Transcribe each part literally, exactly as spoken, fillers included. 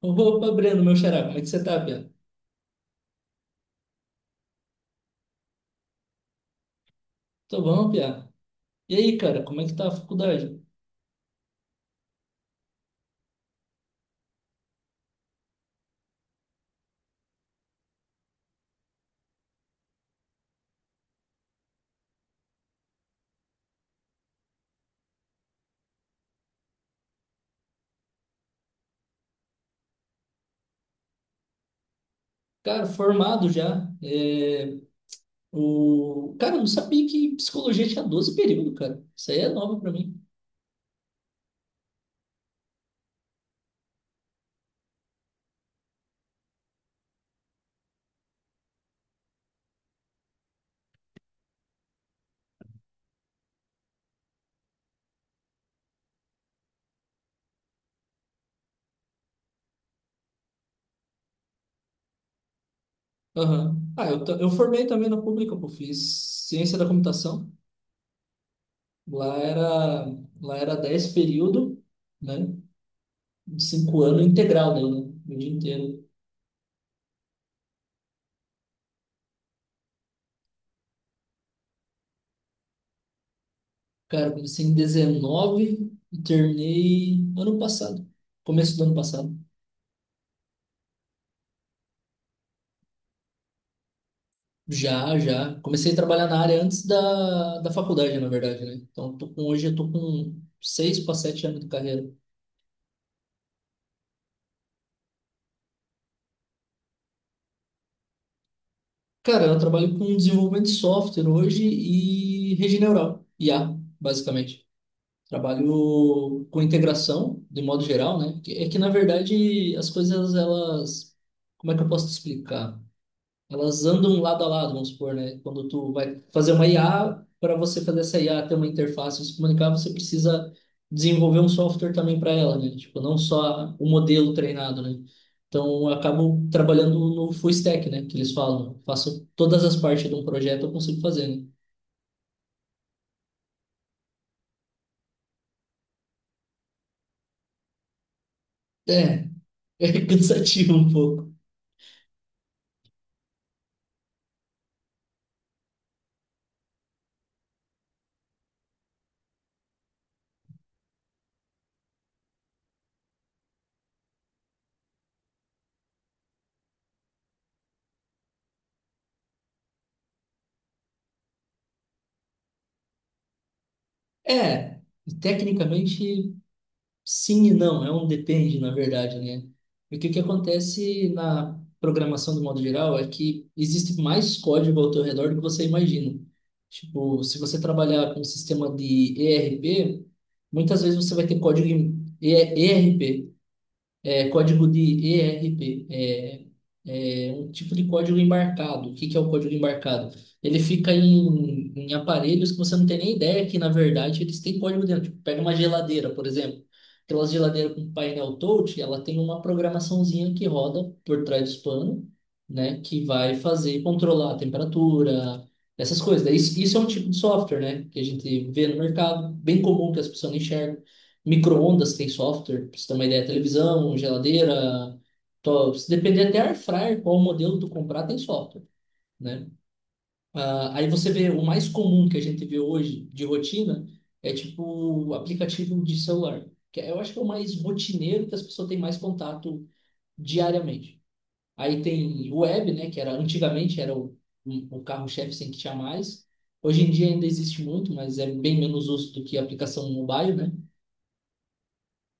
Opa, Breno, meu xará, como é que você tá, Pia? Tô bom, Pia. E aí, cara, como é que tá a faculdade? Cara, formado já. É, o... Cara, eu não sabia que psicologia tinha doze períodos, cara. Isso aí é novo pra mim. Aham. Ah, eu, ta- eu formei também na pública, pô. Fiz ciência da computação. Lá era, lá era dez períodos, né? De cinco anos integral, né? O dia inteiro. Cara, comecei em dezenove e terminei ano passado. Começo do ano passado. Já, já. Comecei a trabalhar na área antes da, da faculdade, na verdade, né? Então, eu tô com, hoje eu tô com seis para sete anos de carreira. Cara, eu trabalho com desenvolvimento de software hoje e rede neural, I A, basicamente. Trabalho com integração, de modo geral, né? Que- É que, na verdade, as coisas, elas... Como é que eu posso te explicar? Elas andam lado a lado, vamos supor, né? Quando tu vai fazer uma I A, para você fazer essa I A ter uma interface e se comunicar, você precisa desenvolver um software também para ela, né? Tipo, não só o modelo treinado, né? Então, eu acabo trabalhando no full stack, né? Que eles falam, faço todas as partes de um projeto, eu consigo fazer, né? É, é cansativo um pouco. É, tecnicamente, sim e não, é um depende, na verdade, né? E o que que acontece na programação do modo geral é que existe mais código ao teu redor do que você imagina. Tipo, se você trabalhar com um sistema de E R P, muitas vezes você vai ter código em E- ERP. É código de E R P, é, é um tipo de código embarcado. O que que é o código embarcado? Ele fica em, em aparelhos que você não tem nem ideia que, na verdade, eles têm código dentro. Tipo, pega uma geladeira, por exemplo. Aquelas geladeiras com painel touch, ela tem uma programaçãozinha que roda por trás do panos, né? Que vai fazer, controlar a temperatura, essas coisas. Isso, isso é um tipo de software, né? Que a gente vê no mercado, bem comum que as pessoas não enxergam. Micro-ondas tem software, pra você ter uma ideia, televisão, geladeira, to- se depender até air fryer, qual modelo tu comprar, tem software, né? Ah, aí você vê o mais comum que a gente vê hoje de rotina é tipo o aplicativo de celular, que é, eu acho que é o mais rotineiro que as pessoas têm mais contato diariamente. Aí tem o web, né, que era antigamente era o, um- o carro-chefe sem que tinha mais. Hoje em dia ainda existe muito, mas é bem menos uso do que a aplicação mobile, né?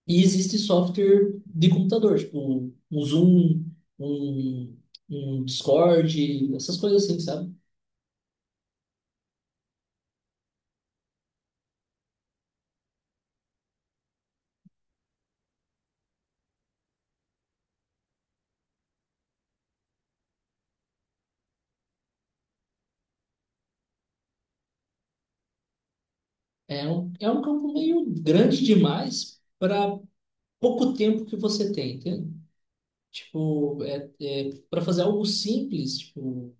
E existe software de computador, tipo um, um Zoom, um, um Discord, essas coisas assim, sabe? É um, é um campo meio grande demais para pouco tempo que você tem, entende? Tipo, é, é, para fazer algo simples, tipo,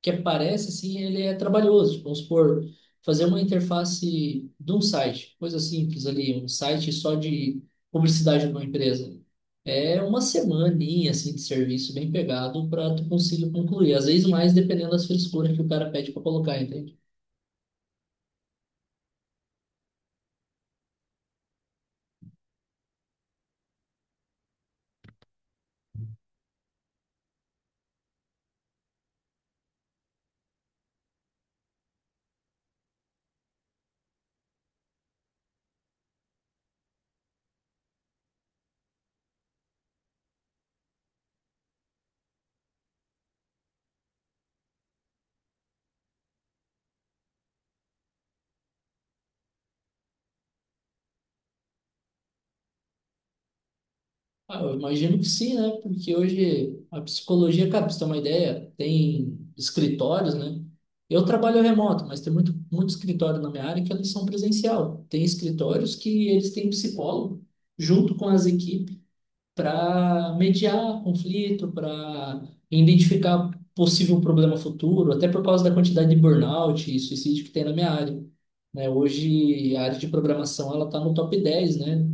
que aparece, assim, ele é trabalhoso. Tipo, vamos supor, fazer uma interface de um site, coisa simples ali, um site só de publicidade de uma empresa. É uma semaninha, assim, de serviço bem pegado para tu conseguir concluir. Às vezes mais, dependendo das frescuras que o cara pede para colocar, entende? Ah, eu imagino que sim, né? Porque hoje a psicologia, cara, pra você ter uma ideia, tem escritórios, né? Eu trabalho remoto, mas tem muito, muito escritório na minha área que eles são presencial. Tem escritórios que eles têm psicólogo junto com as equipes para mediar conflito, para identificar possível problema futuro, até por causa da quantidade de burnout e suicídio que tem na minha área. Né? Hoje, a área de programação ela está no top dez, né?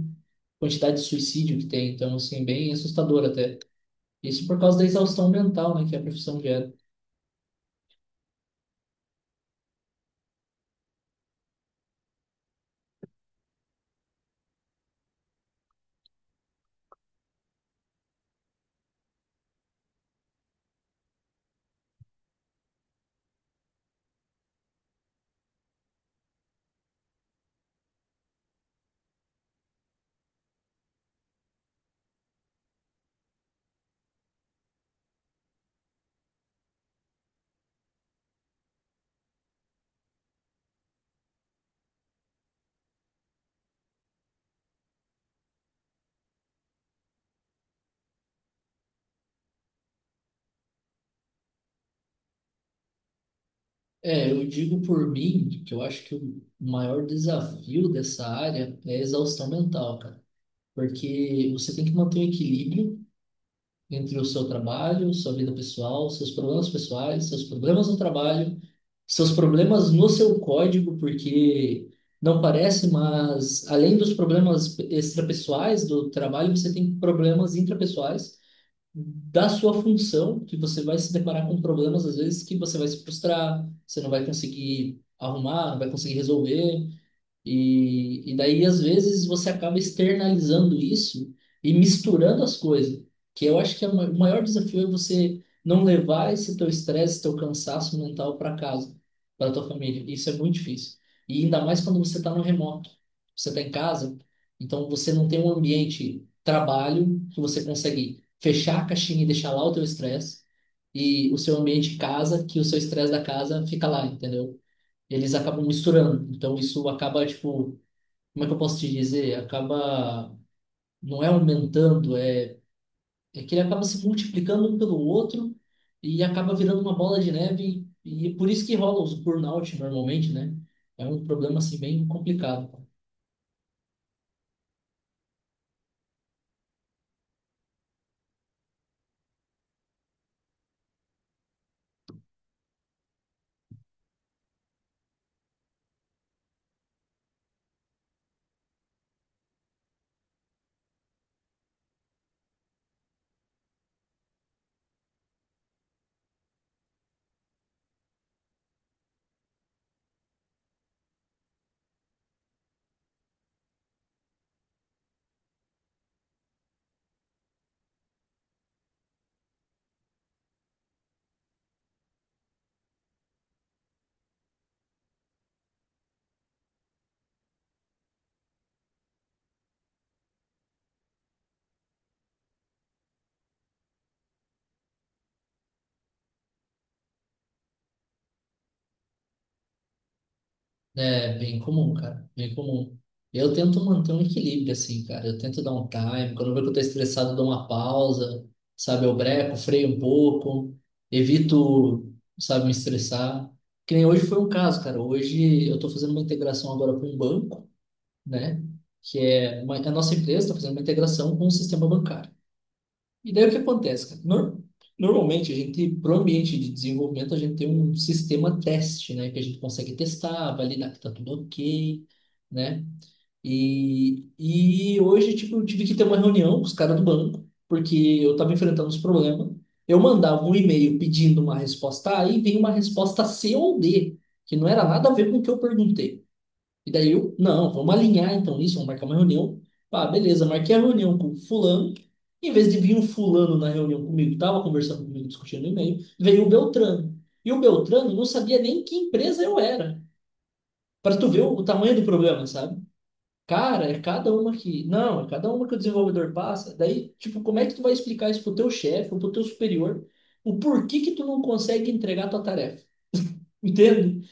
Quantidade de suicídio que tem, então, assim, bem assustador até. Isso por causa da exaustão mental, né, que a profissão gera. É, eu digo por mim que eu acho que o maior desafio dessa área é a exaustão mental, cara. Porque você tem que manter o equilíbrio entre o seu trabalho, sua vida pessoal, seus problemas pessoais, seus problemas no trabalho, seus problemas no seu código, porque não parece, mas além dos problemas extrapessoais do trabalho, você tem problemas intrapessoais da sua função, que você vai se deparar com problemas às vezes que você vai se frustrar, você não vai conseguir arrumar, não vai conseguir resolver. E, e daí, às vezes, você acaba externalizando isso e misturando as coisas, que eu acho que é o ma- o maior desafio é você não levar esse teu estresse, esse teu cansaço mental para casa, para tua família. Isso é muito difícil. E ainda mais quando você está no remoto. Você está em casa, então você não tem um ambiente trabalho que você consegue fechar a caixinha e deixar lá o teu estresse, e o seu ambiente casa, que o seu estresse da casa fica lá, entendeu? Eles acabam misturando. Então isso acaba, tipo, como é que eu posso te dizer? Acaba, não é aumentando, é, é que ele acaba se multiplicando um pelo outro e acaba virando uma bola de neve e, e é por isso que rola os burnout normalmente, né? É um problema, assim, bem complicado. É bem comum, cara, bem comum. Eu tento manter um equilíbrio, assim, cara. Eu tento dar um time. Quando eu vejo que eu tô estressado, eu dou uma pausa, sabe? Eu breco, freio um pouco, evito, sabe, me estressar. Que nem hoje foi um caso, cara. Hoje eu tô fazendo uma integração agora com um banco, né? Que é uma, a nossa empresa está fazendo uma integração com o sistema bancário. E daí o que acontece, cara? Nor- Normalmente a gente, para o ambiente de desenvolvimento, a gente tem um sistema teste, né? Que a gente consegue testar, validar que está tudo ok, né? E, e hoje, tipo, eu tive que ter uma reunião com os caras do banco, porque eu estava enfrentando os problemas. Eu mandava um e-mail pedindo uma resposta A e vinha uma resposta C ou D, que não era nada a ver com o que eu perguntei. E daí eu, não, vamos alinhar então isso, vamos marcar uma reunião. Ah, beleza, marquei a reunião com fulano. Em vez de vir um fulano na reunião comigo, tava conversando comigo, discutindo e-mail, veio o Beltrano. E o Beltrano não sabia nem que empresa eu era. Para tu ver o, o tamanho do problema, sabe? Cara, é cada uma que. Não, é cada uma que o desenvolvedor passa. Daí, tipo, como é que tu vai explicar isso pro teu chefe ou pro teu superior? O porquê que tu não consegue entregar a tua tarefa? Entende?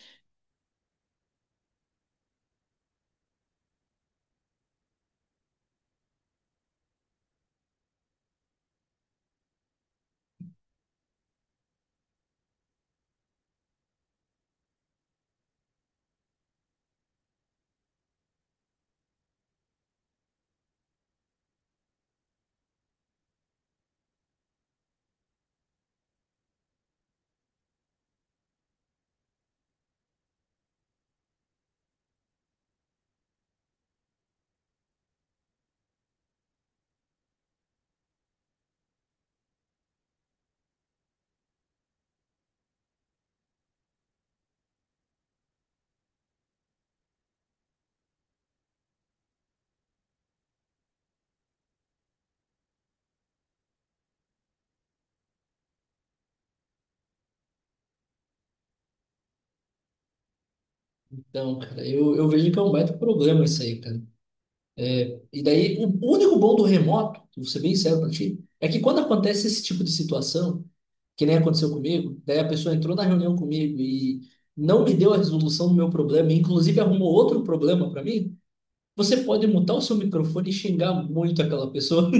Então, cara, eu, eu vejo que é um baita problema isso aí, cara. E daí, o único bom do remoto, vou ser bem sério pra ti, é que quando acontece esse tipo de situação, que nem aconteceu comigo, daí a pessoa entrou na reunião comigo e não me deu a resolução do meu problema, e inclusive arrumou outro problema pra mim, você pode mutar o seu microfone e xingar muito aquela pessoa.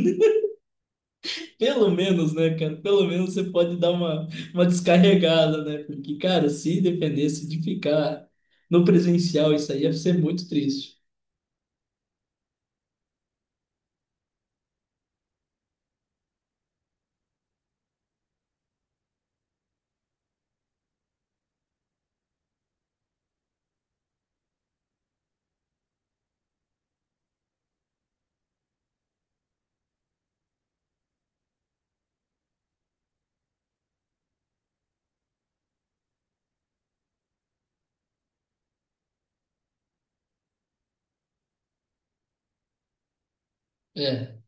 Pelo menos, né, cara? Pelo menos você pode dar uma, uma descarregada, né? Porque, cara, se dependesse de ficar no presencial, isso aí ia ser muito triste. É.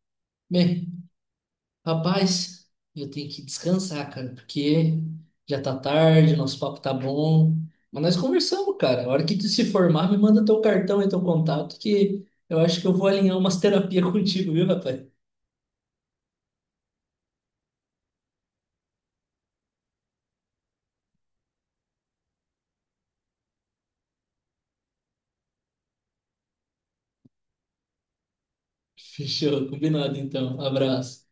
Bem, rapaz, eu tenho que descansar, cara, porque já tá tarde, nosso papo tá bom. Mas nós conversamos, cara. A hora que tu se formar, me manda teu cartão e teu contato, que eu acho que eu vou alinhar umas terapias contigo, viu, rapaz? Fechou, combinado então. Abraço.